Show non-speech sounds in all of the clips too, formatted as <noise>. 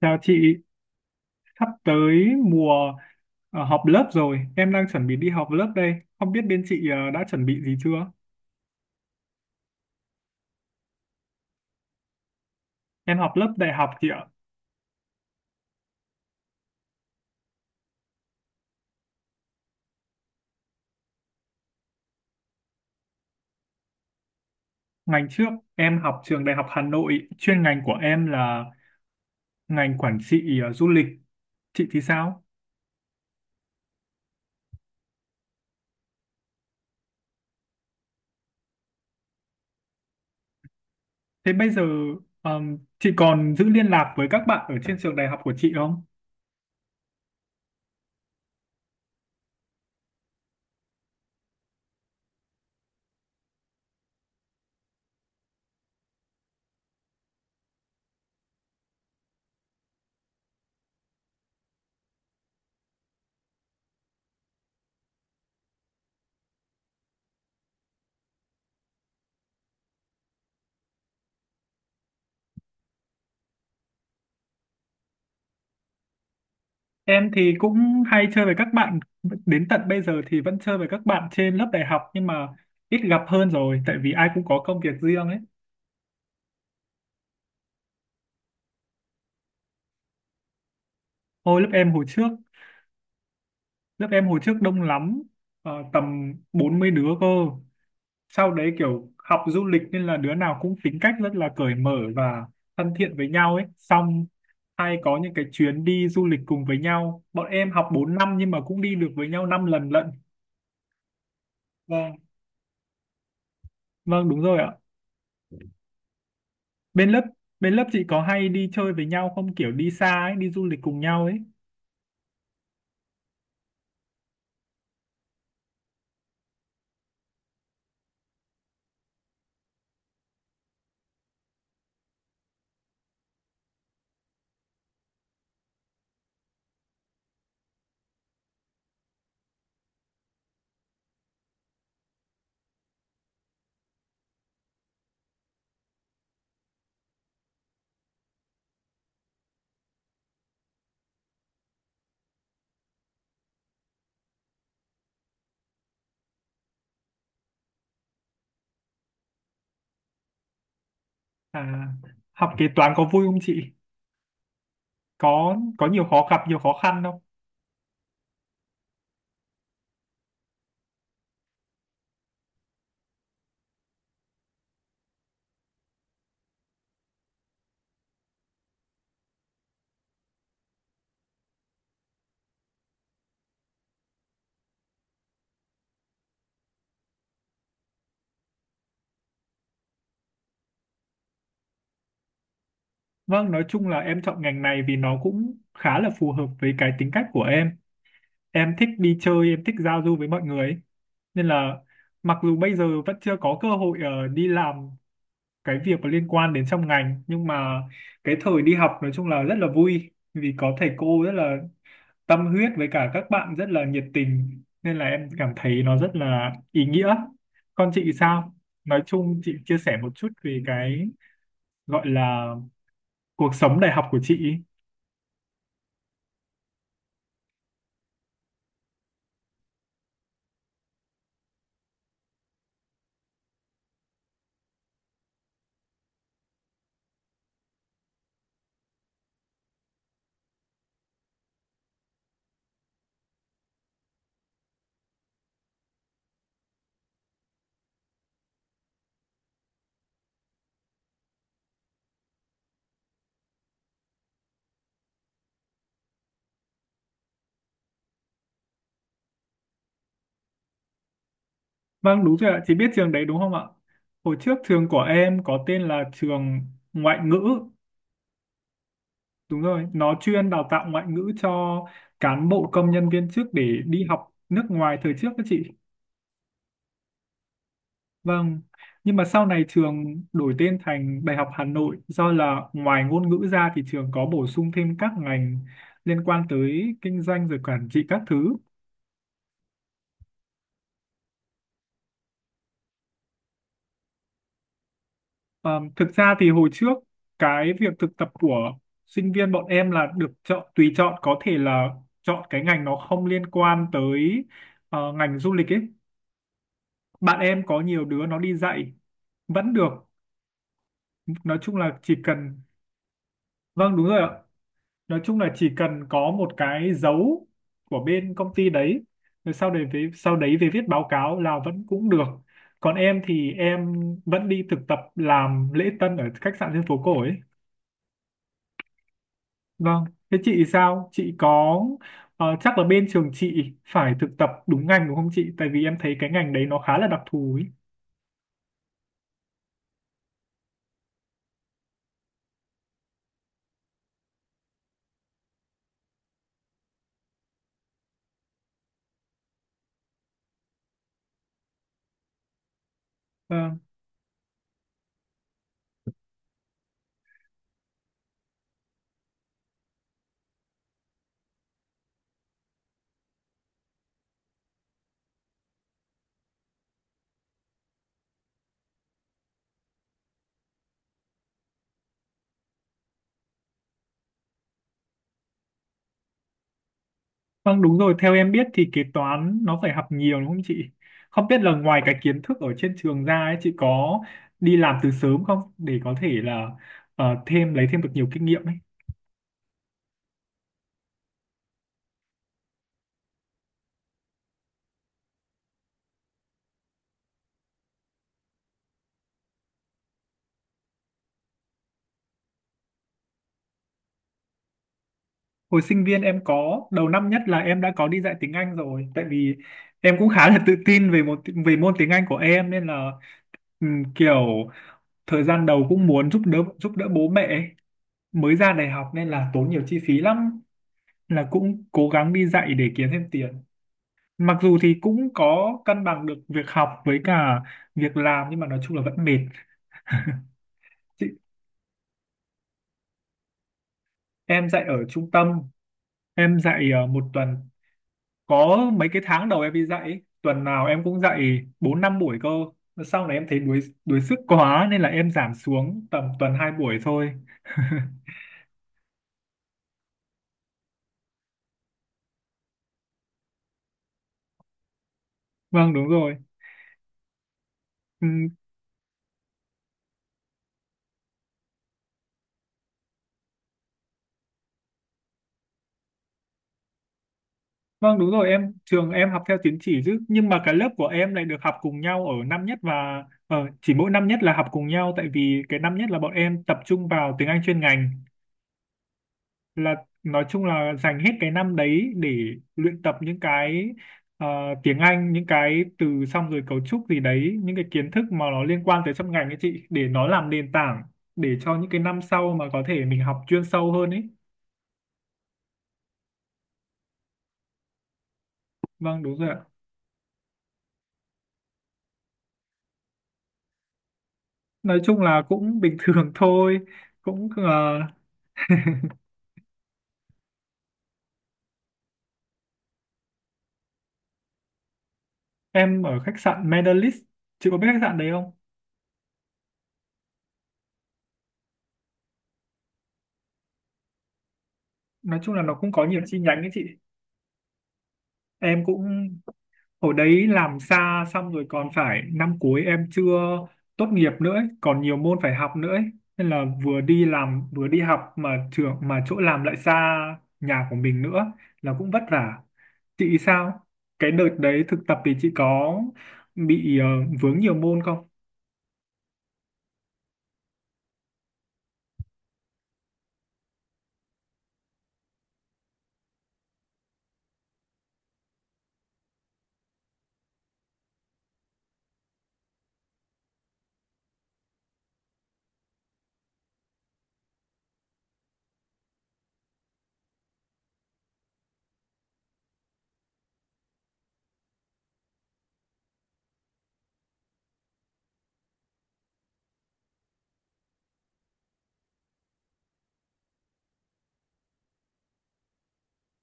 Chào chị, sắp tới mùa họp lớp rồi, em đang chuẩn bị đi học lớp đây. Không biết bên chị đã chuẩn bị gì chưa? Em học lớp đại học chị ạ. Ngành trước em học trường Đại học Hà Nội, chuyên ngành của em là ngành quản trị du lịch. Chị thì sao? Thế bây giờ chị còn giữ liên lạc với các bạn ở trên trường đại học của chị không? Em thì cũng hay chơi với các bạn, đến tận bây giờ thì vẫn chơi với các bạn trên lớp đại học nhưng mà ít gặp hơn rồi tại vì ai cũng có công việc riêng ấy. Hồi lớp em hồi trước, lớp em hồi trước đông lắm, tầm 40 đứa cơ. Sau đấy kiểu học du lịch nên là đứa nào cũng tính cách rất là cởi mở và thân thiện với nhau ấy. Xong hay có những cái chuyến đi du lịch cùng với nhau. Bọn em học 4 năm nhưng mà cũng đi được với nhau 5 lần lận. Vâng, vâng đúng rồi ạ. bên lớp bên lớp chị có hay đi chơi với nhau không, kiểu đi xa ấy, đi du lịch cùng nhau ấy? À, học kế toán có vui không chị, có nhiều khó gặp nhiều khó khăn không? Vâng, nói chung là em chọn ngành này vì nó cũng khá là phù hợp với cái tính cách của em thích đi chơi, em thích giao du với mọi người ấy. Nên là mặc dù bây giờ vẫn chưa có cơ hội đi làm cái việc có liên quan đến trong ngành, nhưng mà cái thời đi học nói chung là rất là vui vì có thầy cô rất là tâm huyết với cả các bạn rất là nhiệt tình, nên là em cảm thấy nó rất là ý nghĩa. Còn chị sao? Nói chung chị chia sẻ một chút về cái gọi là cuộc sống đại học của chị. Vâng đúng rồi ạ, chị biết trường đấy đúng không ạ? Hồi trước trường của em có tên là trường ngoại ngữ. Đúng rồi, nó chuyên đào tạo ngoại ngữ cho cán bộ công nhân viên chức để đi học nước ngoài thời trước đó chị. Vâng, nhưng mà sau này trường đổi tên thành Đại học Hà Nội do là ngoài ngôn ngữ ra thì trường có bổ sung thêm các ngành liên quan tới kinh doanh rồi quản trị các thứ. Ờ, thực ra thì hồi trước cái việc thực tập của sinh viên bọn em là được chọn tùy chọn, có thể là chọn cái ngành nó không liên quan tới ngành du lịch ấy. Bạn em có nhiều đứa nó đi dạy vẫn được, nói chung là chỉ cần. Vâng đúng rồi ạ. Nói chung là chỉ cần có một cái dấu của bên công ty đấy, rồi sau đấy về viết báo cáo là vẫn cũng được. Còn em thì em vẫn đi thực tập làm lễ tân ở khách sạn trên phố cổ ấy. Vâng, thế chị sao, chị có chắc là bên trường chị phải thực tập đúng ngành đúng không chị, tại vì em thấy cái ngành đấy nó khá là đặc thù ấy. Vâng. Vâng đúng rồi, theo em biết thì kế toán nó phải học nhiều đúng không chị? Không biết là ngoài cái kiến thức ở trên trường ra ấy, chị có đi làm từ sớm không để có thể là ờ, thêm lấy thêm được nhiều kinh nghiệm ấy. Hồi sinh viên em có, đầu năm nhất là em đã có đi dạy tiếng Anh rồi, tại vì em cũng khá là tự tin về về môn tiếng Anh của em, nên là kiểu thời gian đầu cũng muốn giúp đỡ bố mẹ ấy. Mới ra đại học nên là tốn nhiều chi phí lắm, là cũng cố gắng đi dạy để kiếm thêm tiền. Mặc dù thì cũng có cân bằng được việc học với cả việc làm nhưng mà nói chung là vẫn mệt. Chị, em dạy ở trung tâm, em dạy 1 tuần. Có mấy cái tháng đầu em đi dạy ấy, tuần nào em cũng dạy 4 5 buổi cơ. Sau này em thấy đuối đuối sức quá nên là em giảm xuống tầm tuần 2 buổi thôi. <laughs> Vâng đúng rồi. Ừ. Vâng đúng rồi, em, trường em học theo tín chỉ chứ, nhưng mà cái lớp của em lại được học cùng nhau ở năm nhất, và chỉ mỗi năm nhất là học cùng nhau tại vì cái năm nhất là bọn em tập trung vào tiếng Anh chuyên ngành, là nói chung là dành hết cái năm đấy để luyện tập những cái ờ, tiếng Anh, những cái từ xong rồi cấu trúc gì đấy, những cái kiến thức mà nó liên quan tới trong ngành ấy chị, để nó làm nền tảng để cho những cái năm sau mà có thể mình học chuyên sâu hơn ấy. Vâng đúng rồi ạ. Nói chung là cũng bình thường <laughs> thôi, cũng em ở khách sạn Medalist, chị có biết khách sạn đấy không? Nói chung là nó cũng có nhiều chi nhánh ấy chị, em cũng ở đấy làm xa, xong rồi còn phải, năm cuối em chưa tốt nghiệp nữa ấy, còn nhiều môn phải học nữa ấy. Nên là vừa đi làm vừa đi học mà trường, mà chỗ làm lại xa nhà của mình nữa, là cũng vất vả. Chị sao, cái đợt đấy thực tập thì chị có bị vướng nhiều môn không?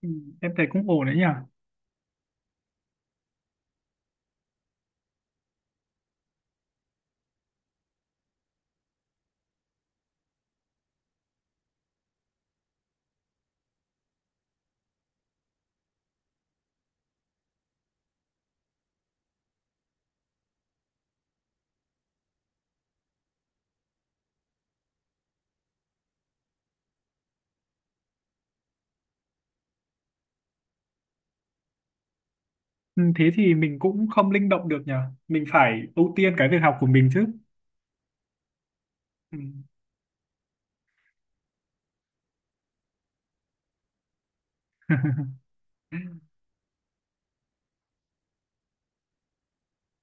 Ừ, em thấy cũng ổn đấy nhỉ. Ừ, thế thì mình cũng không linh động được nhờ. Mình phải ưu tiên cái việc học của mình chứ. Ừ. <laughs>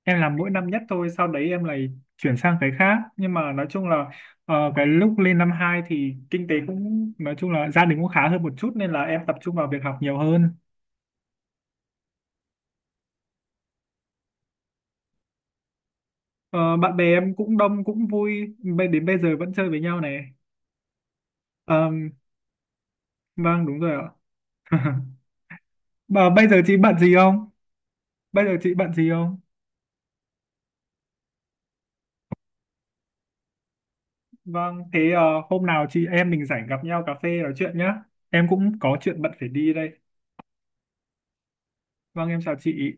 Em làm mỗi năm nhất thôi, sau đấy em lại chuyển sang cái khác. Nhưng mà nói chung là cái lúc lên năm 2 thì kinh tế cũng, nói chung là gia đình cũng khá hơn một chút nên là em tập trung vào việc học nhiều hơn. Ờ, bạn bè em cũng đông cũng vui, đến bây giờ vẫn chơi với nhau này. Ờ, vâng đúng rồi ạ. <laughs> Mà bây giờ chị bận gì không? Bây giờ chị bận gì không? Vâng, thế hôm nào chị em mình rảnh gặp nhau cà phê nói chuyện nhá. Em cũng có chuyện bận phải đi đây. Vâng, em chào chị.